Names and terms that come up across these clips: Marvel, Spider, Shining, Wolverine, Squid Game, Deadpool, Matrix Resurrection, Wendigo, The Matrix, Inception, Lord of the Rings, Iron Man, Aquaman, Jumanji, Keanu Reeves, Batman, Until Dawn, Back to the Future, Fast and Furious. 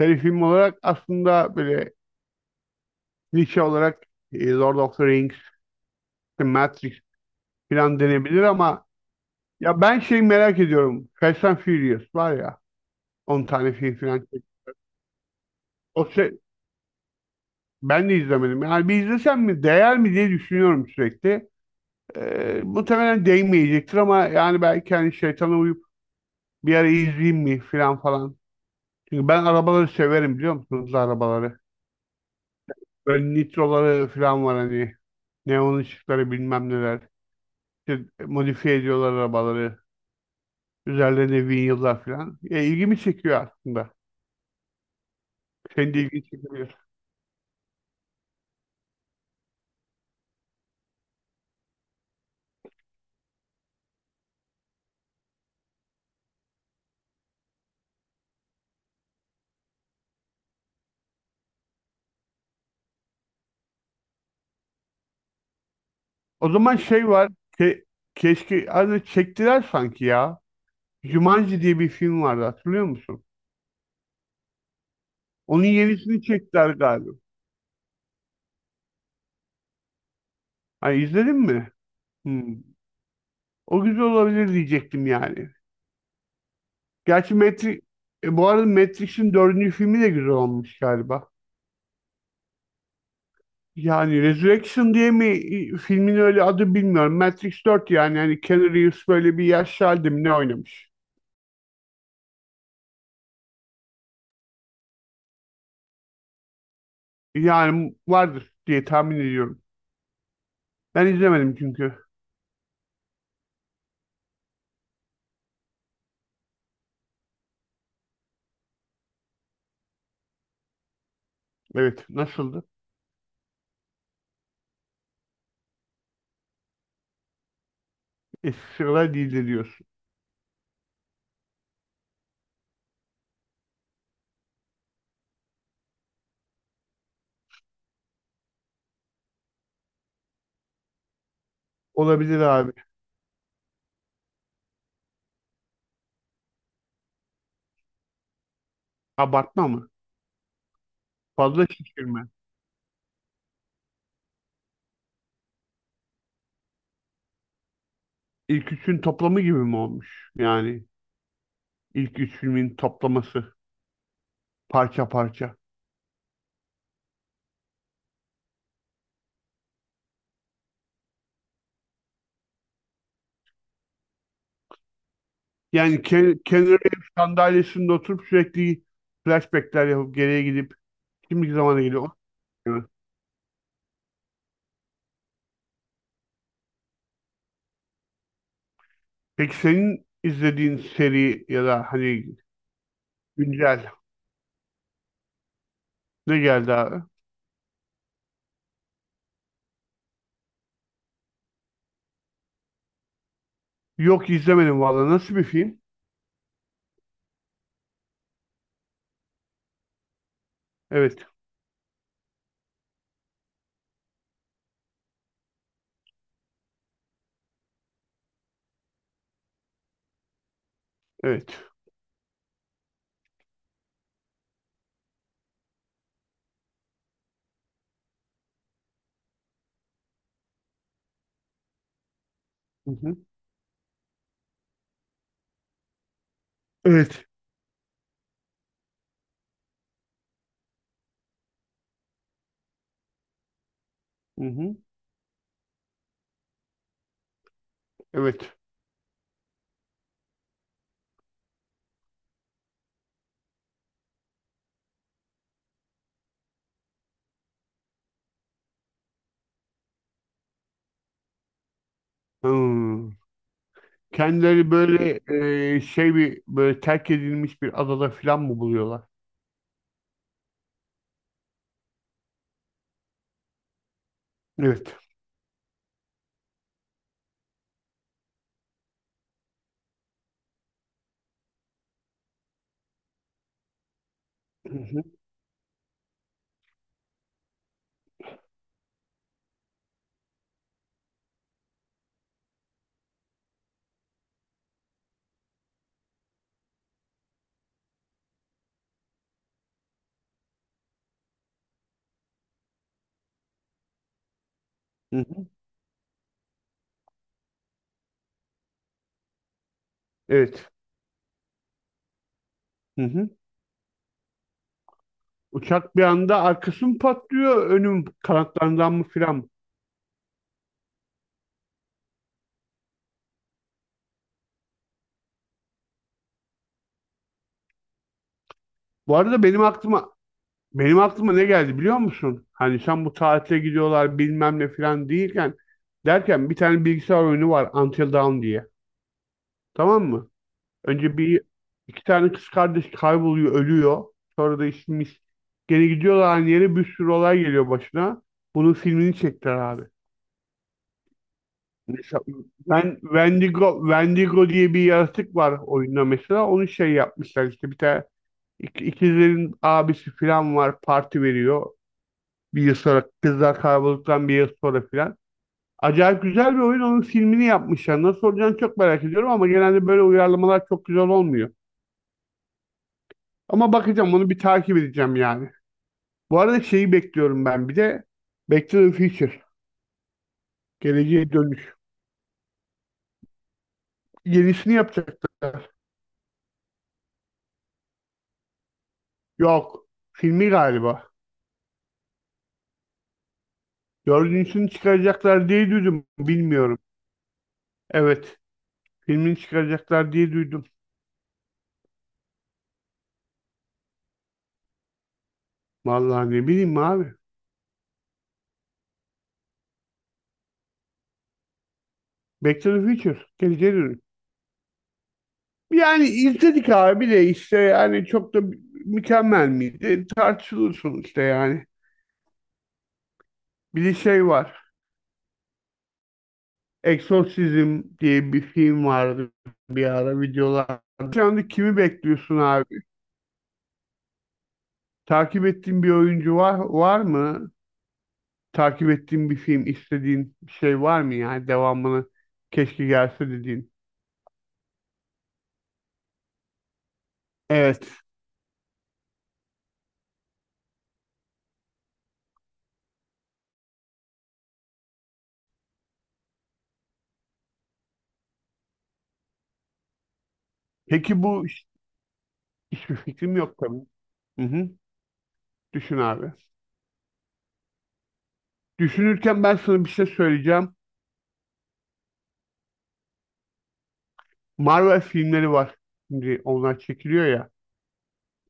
Seri film olarak aslında böyle klişe olarak Lord of the Rings, The Matrix falan denebilir ama ya ben şey merak ediyorum. Fast and Furious var ya 10 tane film falan. O şey, ben de izlemedim. Yani bir izlesem mi değer mi diye düşünüyorum sürekli. Muhtemelen değmeyecektir ama yani belki hani şeytana uyup bir ara izleyeyim mi falan falan. Çünkü ben arabaları severim biliyor musunuz arabaları. Böyle nitroları falan var hani. Neon ışıkları bilmem neler. İşte modifiye ediyorlar arabaları. Üzerlerine vinyıllar falan. İlgimi çekiyor aslında. Senin de ilgini çekebilir. O zaman şey var. Ke Keşke adı çektiler sanki ya. Jumanji diye bir film vardı hatırlıyor musun? Onun yenisini çektiler galiba. Hani izledin mi? Hmm. O güzel olabilir diyecektim yani. Gerçi Matrix, bu arada Matrix'in dördüncü filmi de güzel olmuş galiba. Yani Resurrection diye mi filmin öyle adı bilmiyorum. Matrix 4 yani Keanu Reeves böyle bir yaşlı halde mi ne oynamış? Yani vardır diye tahmin ediyorum. Ben izlemedim çünkü. Evet, nasıldı? Eski sıralar değildi diyorsun. Olabilir abi. Abartma mı? Fazla şişirme. İlk üçün toplamı gibi mi olmuş? Yani ilk üç filmin toplaması parça parça. Yani Keanu Reeves sandalyesinde oturup sürekli flashbackler yapıp geriye gidip şimdiki zamana geliyor. Peki senin izlediğin seri ya da hani güncel ne geldi abi? Yok, izlemedim valla. Nasıl bir film? Evet. Evet. Hı hı. Evet. Hı hı. Evet. Hmm. Kendileri böyle şey bir böyle terk edilmiş bir adada falan mı buluyorlar? Evet. Hı hı. Hı hı. Evet. Hı hı. Uçak bir anda arkası mı patlıyor, önüm kanatlarından mı filan? Bu arada benim aklıma ne geldi biliyor musun? Hani sen bu tatile gidiyorlar bilmem ne falan değilken derken bir tane bilgisayar oyunu var Until Dawn diye. Tamam mı? Önce bir iki tane kız kardeş kayboluyor, ölüyor. Sonra da işimiz gene gidiyorlar aynı yere bir sürü olay geliyor başına. Bunun filmini çektiler abi. Mesela ben Wendigo diye bir yaratık var oyunda mesela. Onu şey yapmışlar işte bir tane ikizlerin abisi falan var parti veriyor. Bir yıl sonra kızlar kaybolduktan bir yıl sonra filan. Acayip güzel bir oyun. Onun filmini yapmışlar. Nasıl olacağını çok merak ediyorum ama genelde böyle uyarlamalar çok güzel olmuyor. Ama bakacağım onu, bir takip edeceğim yani. Bu arada şeyi bekliyorum ben bir de Back to the Future. Geleceğe dönüş. Yenisini yapacaklar. Yok. Filmi galiba. Dördüncüsünü çıkaracaklar diye duydum. Bilmiyorum. Evet. Filmini çıkaracaklar diye duydum. Vallahi ne bileyim abi. Back to the Future. Geleceğe dönüş. Yani izledik abi de işte yani çok da mükemmel miydi? Tartışılır sonuçta yani. Bir de şey var. Exorcism diye bir film vardı bir ara videolar. Şu anda kimi bekliyorsun abi? Takip ettiğin bir oyuncu var, var mı? Takip ettiğin bir film, istediğin bir şey var mı yani devamını keşke gelse dediğin. Evet. Peki hiçbir fikrim yok tabii. Hı hı. Düşün abi. Düşünürken ben sana bir şey söyleyeceğim. Marvel filmleri var. Şimdi onlar çekiliyor ya.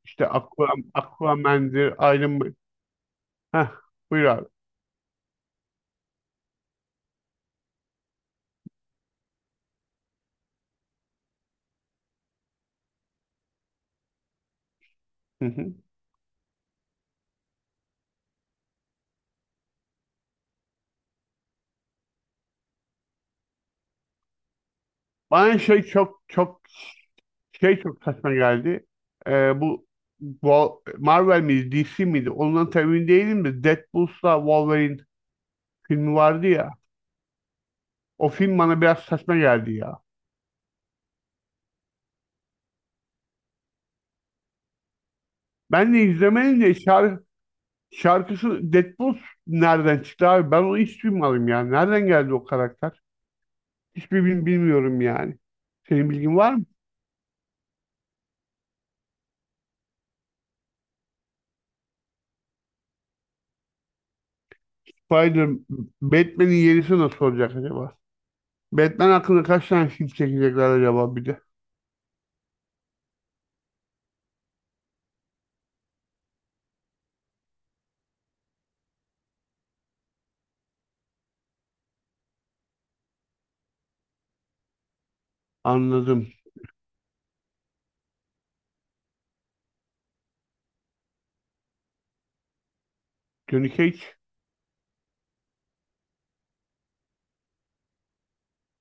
İşte Aquaman'dir, Iron Man. Heh, buyur abi. Hı hı. Bana şey çok çok şey çok saçma geldi. Ee, bu, Bu Marvel miydi, DC miydi? Ondan tam emin değilim de Deadpool'la Wolverine filmi vardı ya. O film bana biraz saçma geldi ya. Ben de izlemedim de şarkısı Deadpool nereden çıktı abi? Ben onu hiç duymadım ya. Nereden geldi o karakter? Hiçbir bilmiyorum yani. Senin bilgin var mı? Spider, Batman'in yerisi nasıl olacak acaba? Batman hakkında kaç tane film çekecekler acaba bir de? Anladım. Johnny Cage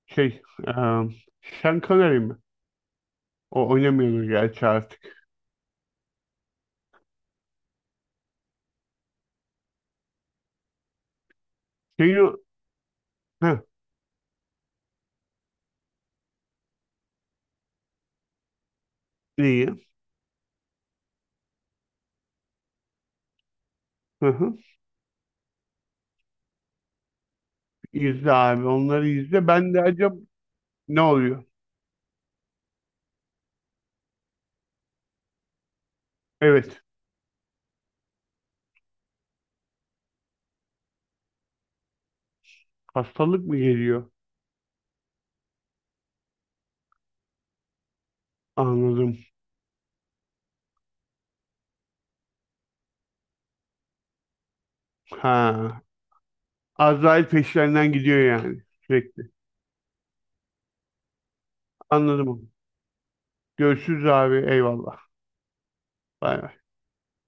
şey, eee Sean Connery mi? O oynamıyordu gerçi artık. Şeyin o, heh, neyi? Hı hı. İzle abi, onları izle. Ben de acaba ne oluyor? Evet, hastalık mı geliyor? Anladım. Ha, Azrail peşlerinden gidiyor yani sürekli. Anladım onu. Görüşürüz abi. Eyvallah. Bay bay.